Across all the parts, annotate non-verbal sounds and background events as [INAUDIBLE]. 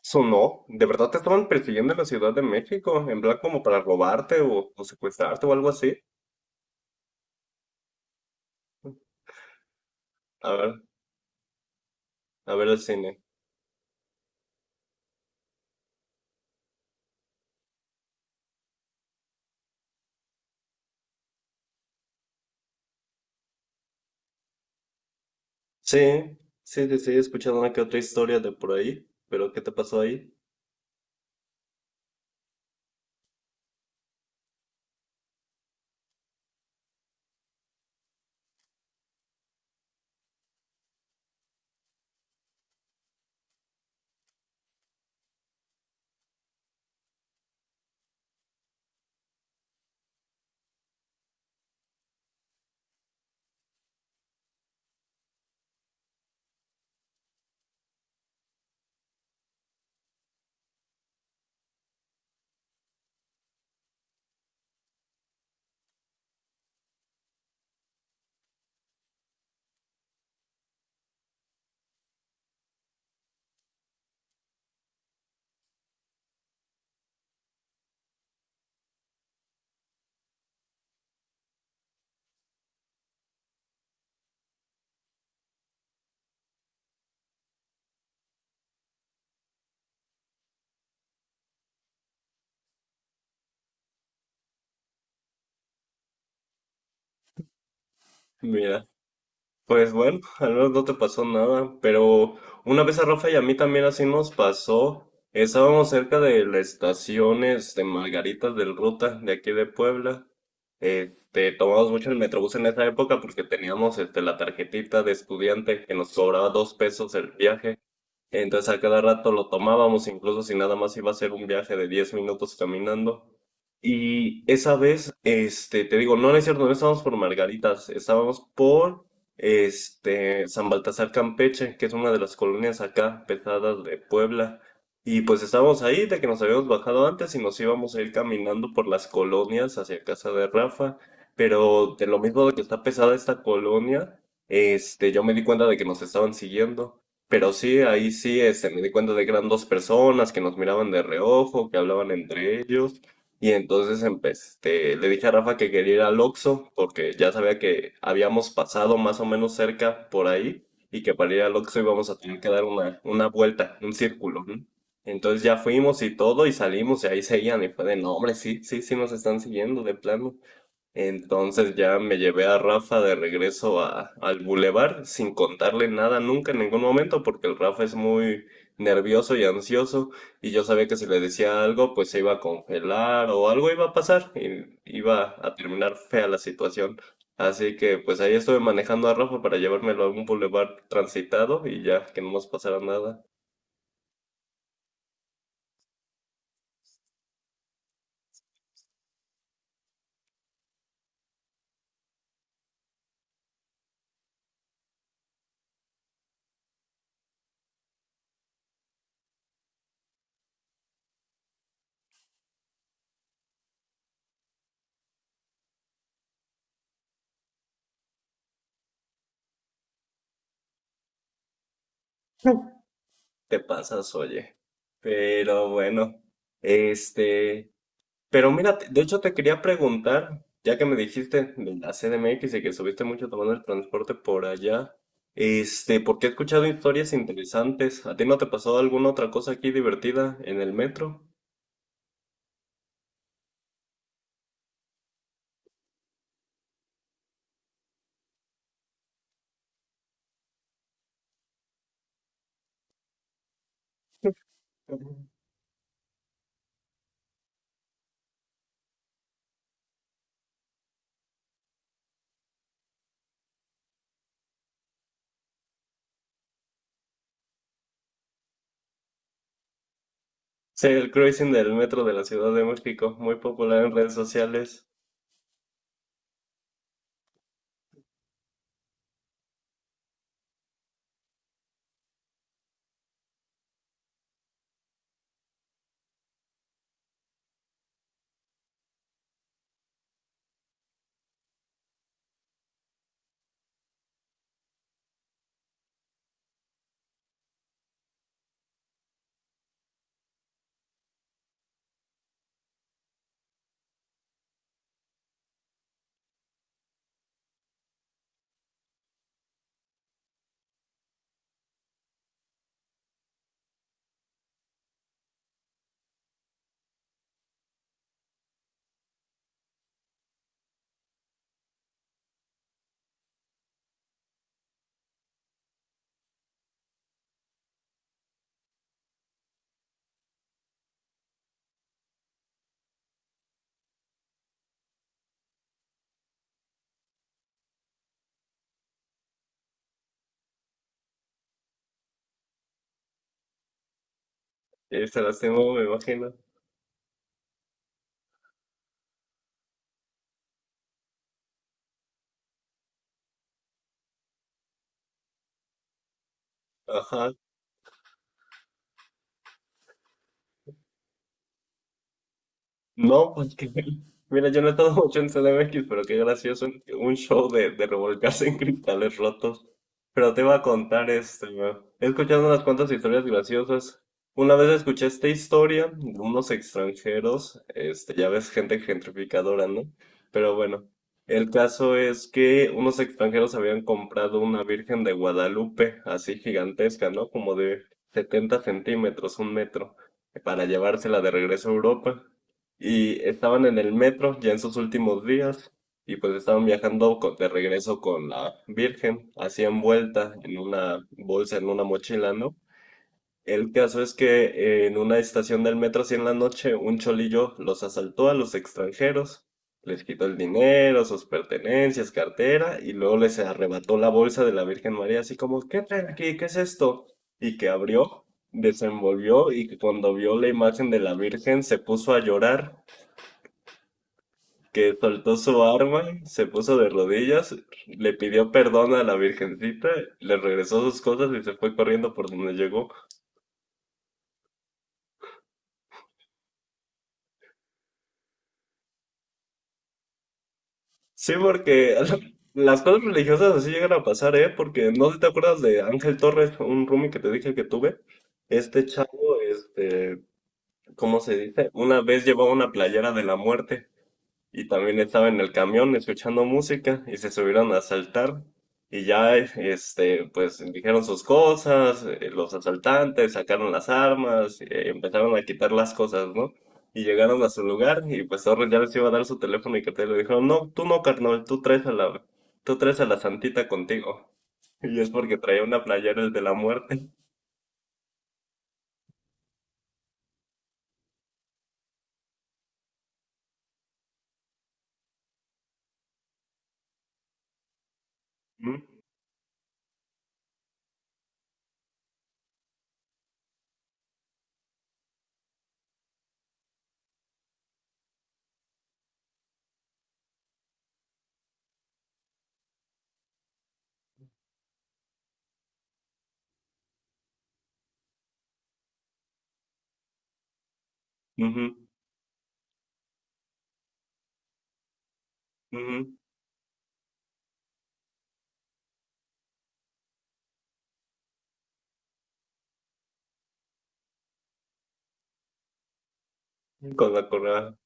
Sonó, ¿de verdad te estaban persiguiendo en la Ciudad de México? En plan como para robarte o secuestrarte o algo así. A ver, a ver el cine. Sí, sí, sí, sí, he escuchado una que otra historia de por ahí, pero ¿qué te pasó ahí? Mira, pues bueno, [LAUGHS] al menos no te pasó nada, pero una vez a Rafa y a mí también así nos pasó. Estábamos cerca de la estación de Margaritas del Ruta, de aquí de Puebla. Tomamos mucho el Metrobús en esa época porque teníamos la tarjetita de estudiante que nos cobraba 2 pesos el viaje. Entonces a cada rato lo tomábamos, incluso si nada más iba a ser un viaje de 10 minutos caminando. Y esa vez, te digo, no, no es cierto, no estábamos por Margaritas, estábamos por, San Baltasar Campeche, que es una de las colonias acá pesadas de Puebla. Y pues estábamos ahí de que nos habíamos bajado antes y nos íbamos a ir caminando por las colonias hacia casa de Rafa. Pero de lo mismo de que está pesada esta colonia, yo me di cuenta de que nos estaban siguiendo. Pero sí, ahí sí, me di cuenta de que eran dos personas que nos miraban de reojo, que hablaban entre ellos. Y entonces le dije a Rafa que quería ir al Oxxo, porque ya sabía que habíamos pasado más o menos cerca por ahí, y que para ir al Oxxo íbamos a tener que dar una vuelta, un círculo, ¿no? Entonces ya fuimos y todo, y salimos, y ahí seguían, y fue de, no, hombre, sí, sí, sí nos están siguiendo, de plano. Entonces ya me llevé a Rafa de regreso al bulevar sin contarle nada nunca en ningún momento porque el Rafa es muy nervioso y ansioso, y yo sabía que si le decía algo pues se iba a congelar o algo iba a pasar y iba a terminar fea la situación. Así que pues ahí estuve manejando a Rafa para llevármelo a un bulevar transitado y ya que no nos pasara nada. Te pasas, oye. Pero bueno, este... Pero mira, de hecho te quería preguntar, ya que me dijiste de la CDMX y que subiste mucho tomando el transporte por allá, porque he escuchado historias interesantes. ¿A ti no te pasó alguna otra cosa aquí divertida en el metro? Ujú. Sí, el cruising del metro de la Ciudad de México, muy popular en redes sociales. ¿Eh, se lastimó, me imagino? Ajá. No, porque [LAUGHS] mira, yo no he estado mucho en CDMX, pero qué gracioso un show de revolcarse en cristales rotos. Pero te iba a contar ¿no? He escuchado unas cuantas historias graciosas. Una vez escuché esta historia de unos extranjeros, ya ves, gente gentrificadora, ¿no? Pero bueno, el caso es que unos extranjeros habían comprado una Virgen de Guadalupe, así gigantesca, ¿no? Como de 70 centímetros, un metro, para llevársela de regreso a Europa. Y estaban en el metro ya en sus últimos días, y pues estaban viajando de regreso con la Virgen, así envuelta en una bolsa, en una mochila, ¿no? El caso es que en una estación del metro, así en la noche, un cholillo los asaltó a los extranjeros, les quitó el dinero, sus pertenencias, cartera, y luego les arrebató la bolsa de la Virgen María, así como, ¿qué traen aquí? ¿Qué es esto? Y que abrió, desenvolvió, y que cuando vio la imagen de la Virgen se puso a llorar, que soltó su arma, se puso de rodillas, le pidió perdón a la Virgencita, le regresó sus cosas y se fue corriendo por donde llegó. Sí, porque [LAUGHS] las cosas religiosas así llegan a pasar, ¿eh? Porque no sé si te acuerdas de Ángel Torres, un roomie que te dije que tuve. Este chavo, ¿cómo se dice? Una vez llevó una playera de la muerte. Y también estaba en el camión escuchando música y se subieron a asaltar. Y ya, pues dijeron sus cosas, los asaltantes sacaron las armas, empezaron a quitar las cosas, ¿no? Y llegaron a su lugar y pues Torres ya les iba a dar su teléfono y que te le dijeron, no, tú no, carnal, tú traes a la, tú traes a la santita contigo. [LAUGHS] Y es porque traía una playera el de la muerte. [LAUGHS] Ujú, ujú, ujú, con la correa,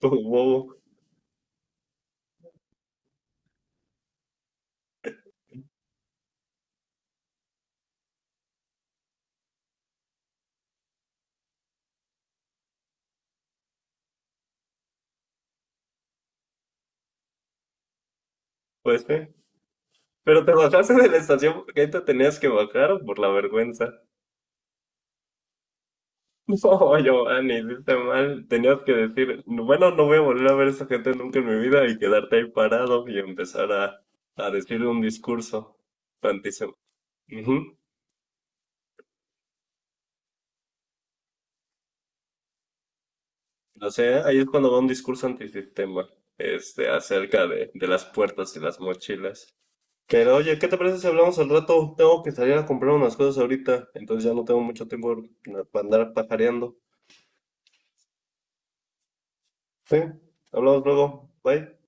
como bobo. [LAUGHS] Pues, sí. Pero ¿te bajaste de la estación porque ahí te tenías que bajar o por la vergüenza? [LAUGHS] No, Giovanni, hiciste mal. Tenías que decir, bueno, no voy a volver a ver a esa gente nunca en mi vida y quedarte ahí parado y empezar a decir un discurso antisistema. No sé, ahí es cuando va un discurso antisistema, acerca de las puertas y las mochilas. Pero oye, ¿qué te parece si hablamos al rato? Tengo que salir a comprar unas cosas ahorita, entonces ya no tengo mucho tiempo para andar pajareando. Sí, hablamos luego. Bye.